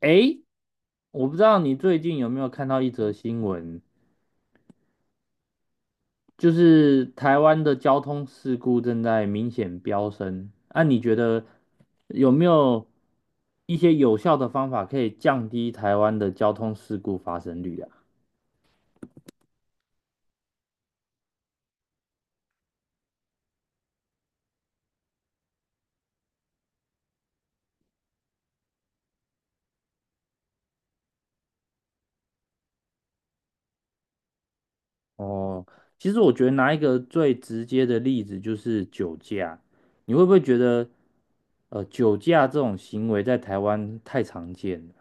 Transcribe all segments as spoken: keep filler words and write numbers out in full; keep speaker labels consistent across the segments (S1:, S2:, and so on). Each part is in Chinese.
S1: 诶，我不知道你最近有没有看到一则新闻，就是台湾的交通事故正在明显飙升。那、你觉得有没有一些有效的方法可以降低台湾的交通事故发生率啊？哦，其实我觉得拿一个最直接的例子就是酒驾，你会不会觉得呃酒驾这种行为在台湾太常见了？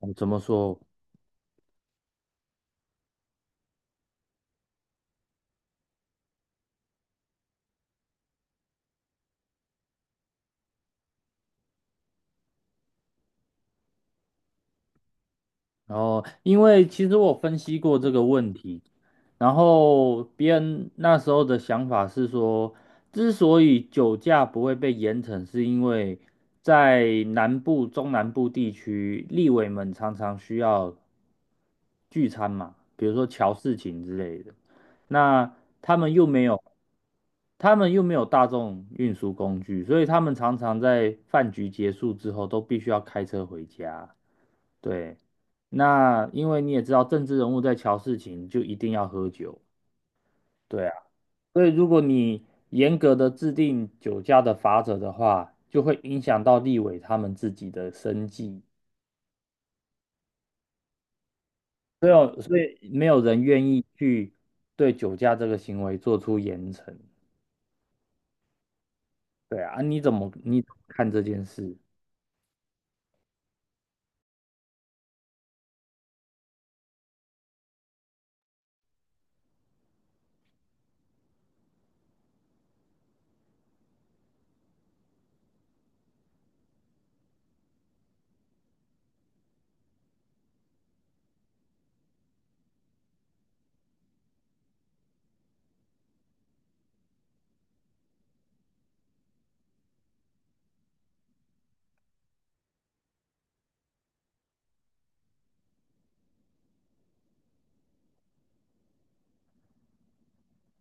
S1: 哦怎么说？然后，因为其实我分析过这个问题，然后别人那时候的想法是说，之所以酒驾不会被严惩，是因为在南部、中南部地区，立委们常常需要聚餐嘛，比如说乔事情之类的，那他们又没有，他们又没有大众运输工具，所以他们常常在饭局结束之后都必须要开车回家。对，那因为你也知道，政治人物在瞧事情就一定要喝酒，对啊，所以如果你严格的制定酒驾的罚则的话，就会影响到立委他们自己的生计，所以有所以没有人愿意去对酒驾这个行为做出严惩，对啊，啊你怎么你怎么看这件事？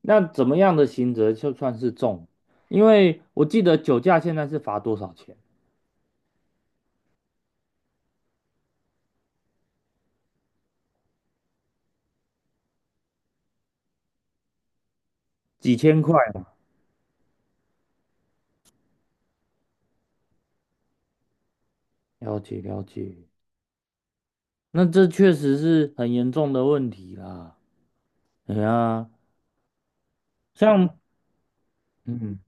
S1: 那怎么样的刑责就算是重？因为我记得酒驾现在是罚多少钱？几千块嘛，了解了解。那这确实是很严重的问题啦。哎呀，像嗯，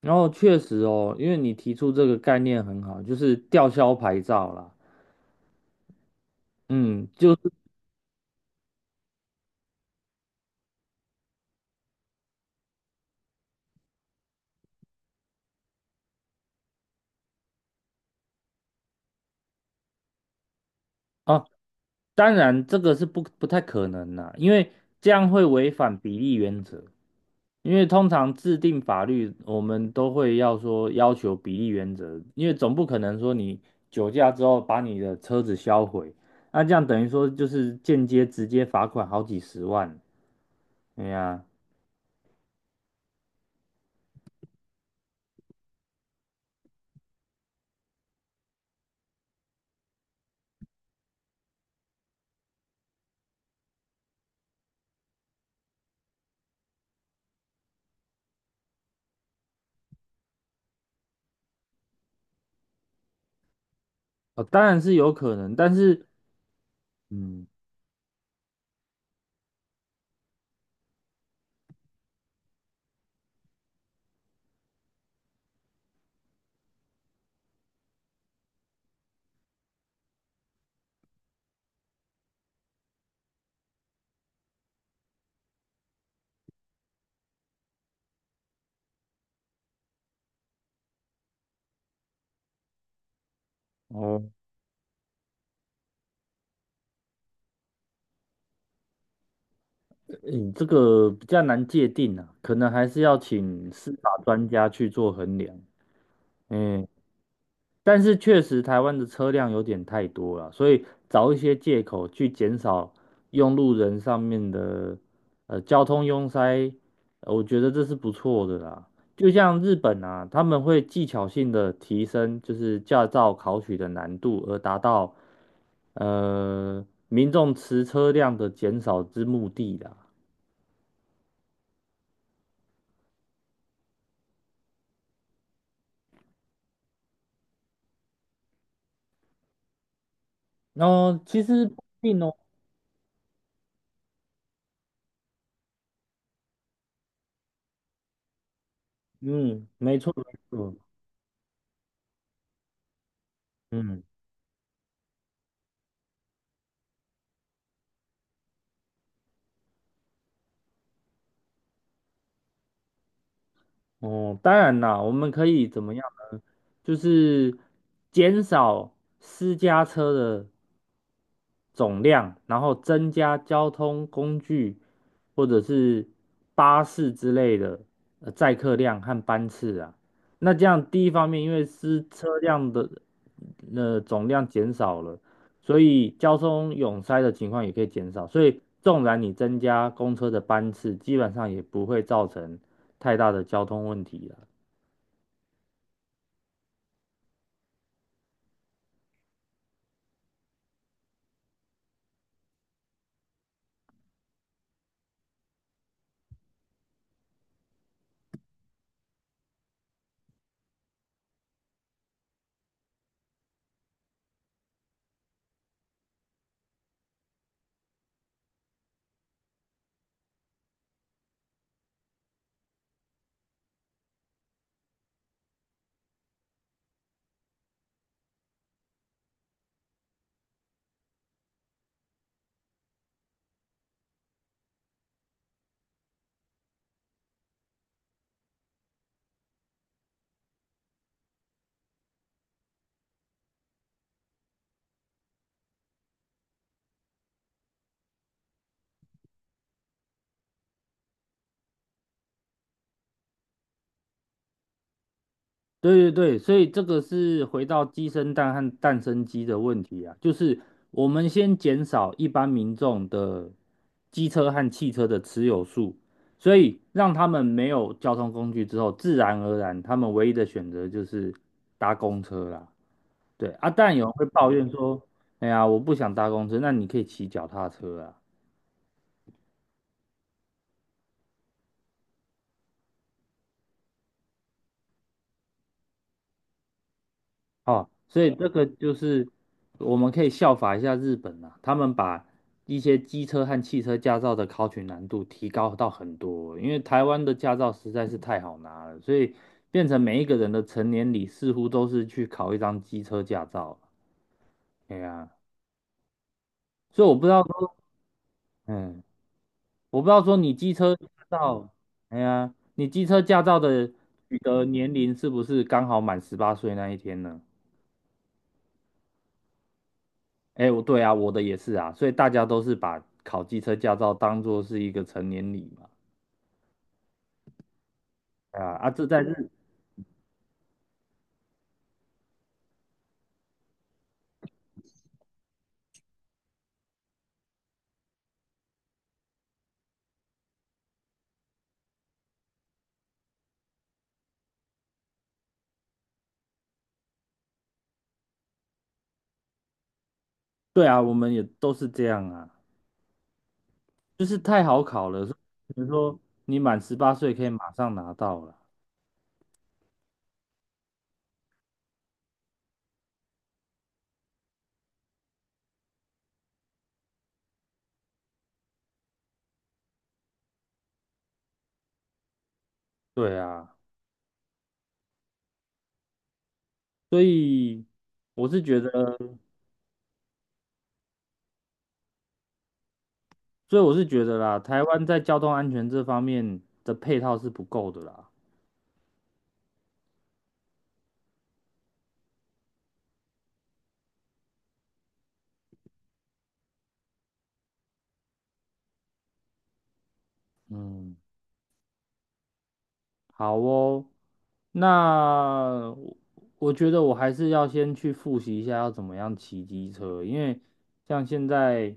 S1: 然后确实哦，因为你提出这个概念很好，就是吊销牌照啦。嗯，就是啊，当然这个是不不太可能啦，因为这样会违反比例原则。因为通常制定法律，我们都会要说要求比例原则，因为总不可能说你酒驾之后把你的车子销毁，那这样等于说就是间接直接罚款好几十万。哎呀，哦，当然是有可能，但是，嗯，哦，你这个比较难界定啊，可能还是要请司法专家去做衡量。嗯，但是确实台湾的车辆有点太多了，所以找一些借口去减少用路人上面的呃交通拥塞，呃我觉得这是不错的啦。就像日本啊，他们会技巧性的提升就是驾照考取的难度，而达到呃，民众持车辆的减少之目的啦。哦，其实不一定哦，嗯，没错没错，嗯，哦，当然啦，我们可以怎么样呢？就是减少私家车的总量，然后增加交通工具或者是巴士之类的呃载客量和班次啊。那这样第一方面，因为是车辆的呃总量减少了，所以交通拥塞的情况也可以减少。所以纵然你增加公车的班次，基本上也不会造成太大的交通问题了。对对对，所以这个是回到鸡生蛋和蛋生鸡的问题啊，就是我们先减少一般民众的机车和汽车的持有数，所以让他们没有交通工具之后，自然而然他们唯一的选择就是搭公车啦。对啊，但有人会抱怨说，哎呀，我不想搭公车，那你可以骑脚踏车啊。哦，所以这个就是我们可以效法一下日本啊，他们把一些机车和汽车驾照的考取难度提高到很多，因为台湾的驾照实在是太好拿了，所以变成每一个人的成年礼似乎都是去考一张机车驾照。哎呀，所以我不知道说，嗯，我不知道说你机车驾照，哎呀，你机车驾照的取得年龄是不是刚好满十八岁那一天呢？哎，我对啊，我的也是啊，所以大家都是把考机车驾照当做是一个成年礼嘛。啊啊，这在日，对啊，我们也都是这样啊，就是太好考了，所以比如说你满十八岁可以马上拿到了。对啊，所以我是觉得，所以我是觉得啦，台湾在交通安全这方面的配套是不够的啦。嗯，好哦，那我我觉得我还是要先去复习一下要怎么样骑机车，因为像现在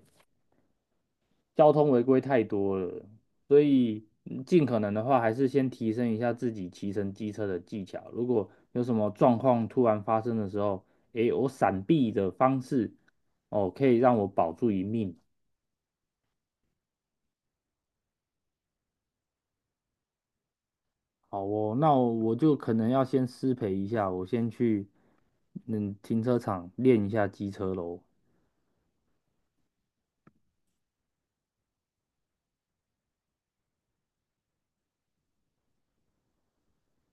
S1: 交通违规太多了，所以嗯尽可能的话还是先提升一下自己骑乘机车的技巧。如果有什么状况突然发生的时候，诶，我闪避的方式，哦，可以让我保住一命。好哦，那我我就可能要先失陪一下，我先去嗯停车场练一下机车喽。